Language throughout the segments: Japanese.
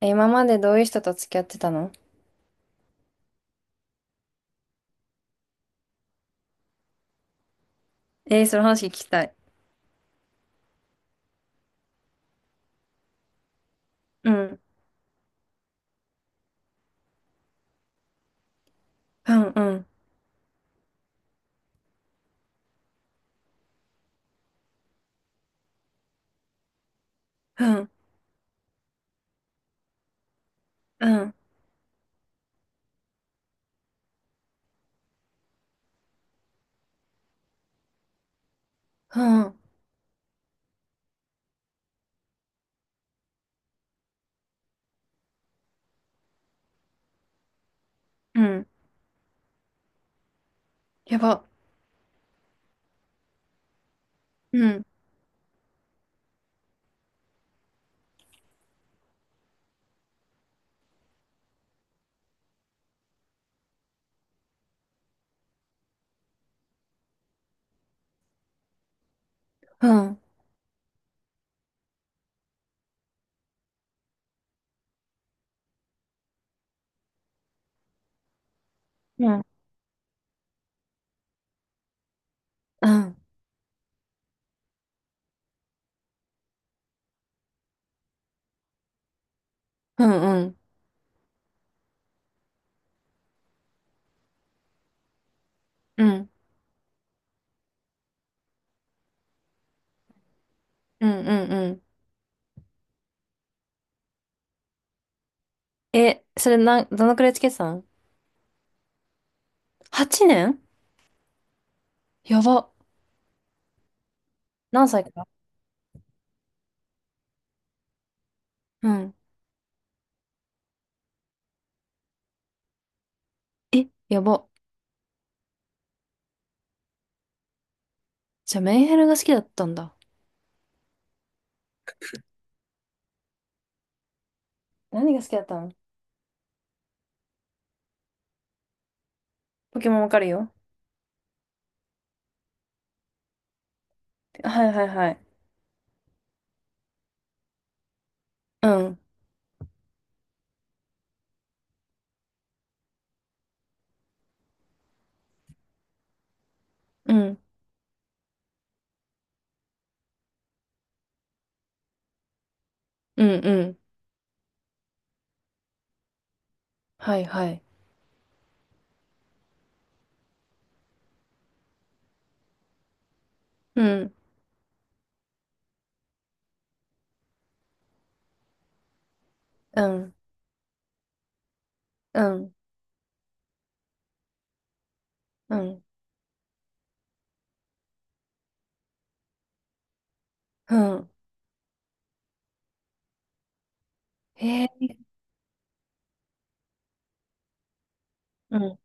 え、今までどういう人と付き合ってたの？えー、その話聞きたい。うん、うん。うん、うん。うん、うん。うん。やば。うん、うん。うん、うん。うん、うん。うん、うん。うん。え、それなん、どのくらい付き合ってたの？ 8 年？やば。何歳から？うん。え、やば。じゃあメンヘラが好きだったんだ。何が好きだったの？ポケモンわかるよ。はいはいはい。うん、うん。うん、うん。はいはい。うん、うん。うん、うん。うん。へ。うん、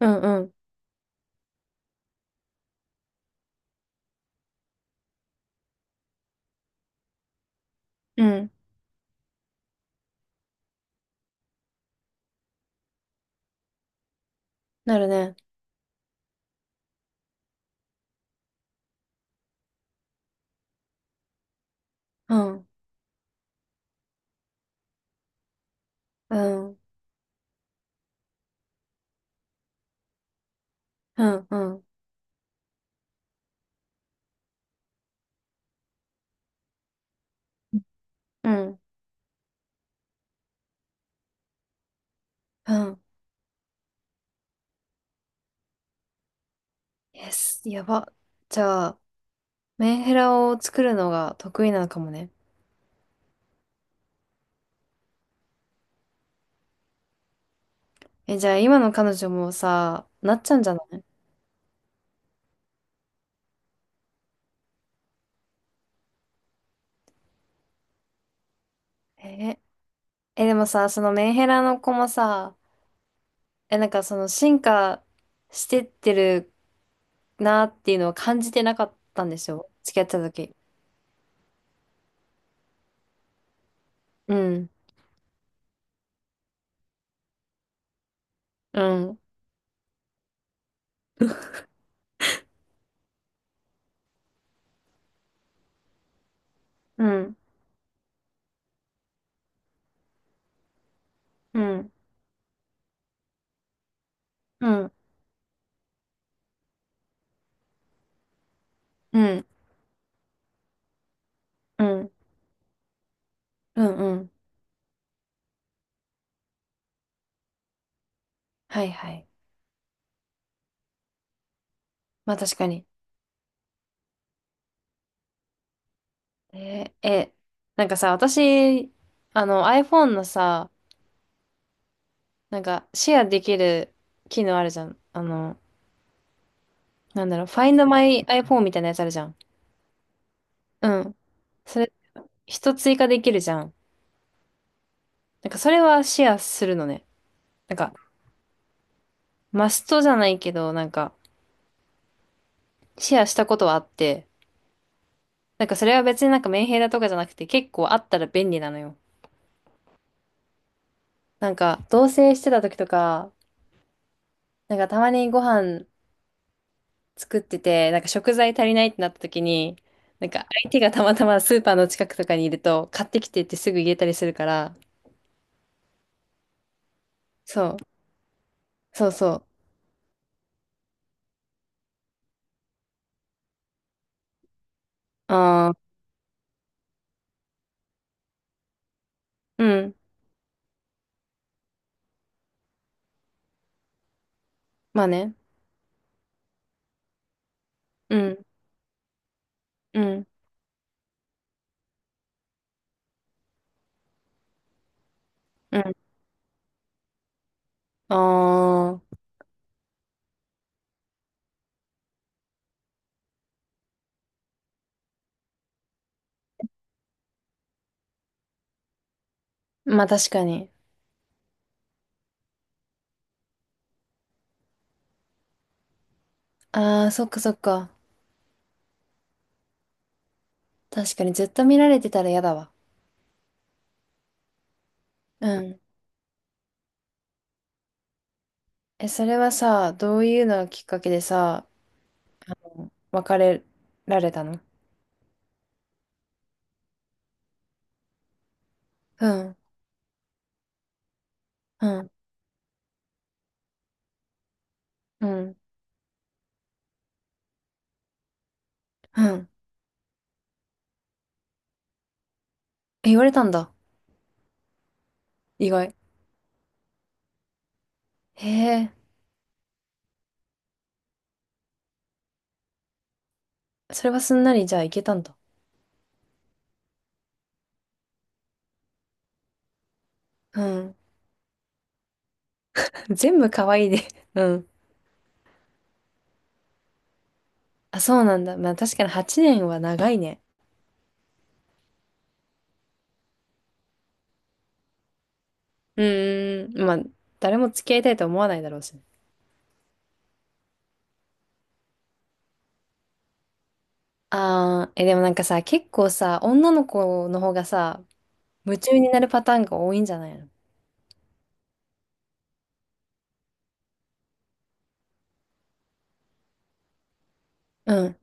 うん。うん、うん。なるね。うん、うん。うん、うん。うん、うん。Yes、やば。じゃあ、メンヘラを作るのが得意なのかもね。え、じゃあ今の彼女もさ、なっちゃうんじゃない？え、え、でもさ、そのメンヘラの子もさ、え、その進化してってるなっていうのを感じてなかったんですよ。付き合ってた時。うん、うん。うん、うん。うん、うん。うん、うん。うん。はいはい。まあ確かに。えー、え、なんかさ、私、iPhone のさ、シェアできる機能あるじゃん。あの、なんだろう、Find My iPhone みたいなやつあるじゃん。うん。それ、人追加できるじゃん。それはシェアするのね。なんか、マストじゃないけど、シェアしたことはあって、それは別にメンヘラとかじゃなくて結構あったら便利なのよ。同棲してた時とか、たまにご飯作ってて、食材足りないってなった時に、相手がたまたまスーパーの近くとかにいると、買ってきてってすぐ言えたりするから、そう、そうそう。ああ、うん、まあね。うん、うん、うん。ああ、まあ確かに。ああ、そっかそっか。確かにずっと見られてたら嫌だわ。うん。え、それはさ、どういうのがきっかけでさ、別れられたの？うん、うん。うん、うん。え、言われたんだ。意外。へえ。それはすんなりじゃあいけたんだ。うん。全部可愛いで。うん。あ、そうなんだ。まあ確かに8年は長いね。うーん。まあ、誰も付き合いたいと思わないだろうしね。あー、え、でもなんかさ、結構さ、女の子の方がさ、夢中になるパターンが多いんじゃないの？うん。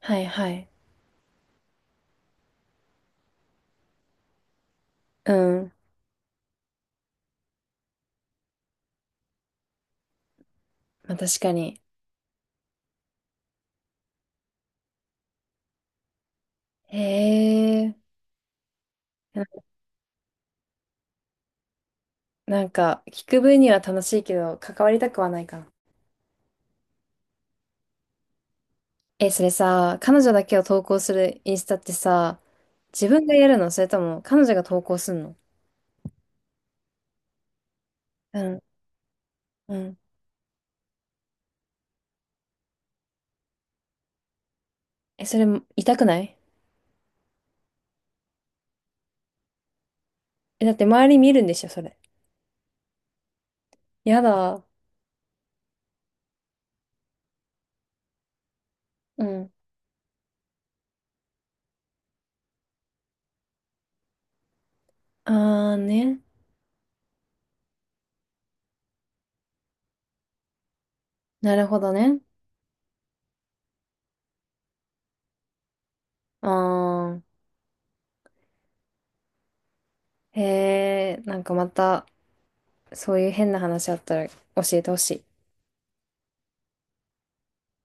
はいはい。うん。まあ確かに。へえ。な、聞く分には楽しいけど、関わりたくはないかな。え、それさ、彼女だけを投稿するインスタってさ、自分がやるのそれとも彼女が投稿すんの？うん、うん。え、それ痛くない？え、だって周り見るんでしょ、それ。やだ。うん。あーね。なるほどね。あー。へえ、なんかまた、そういう変な話あったら教えてほしい。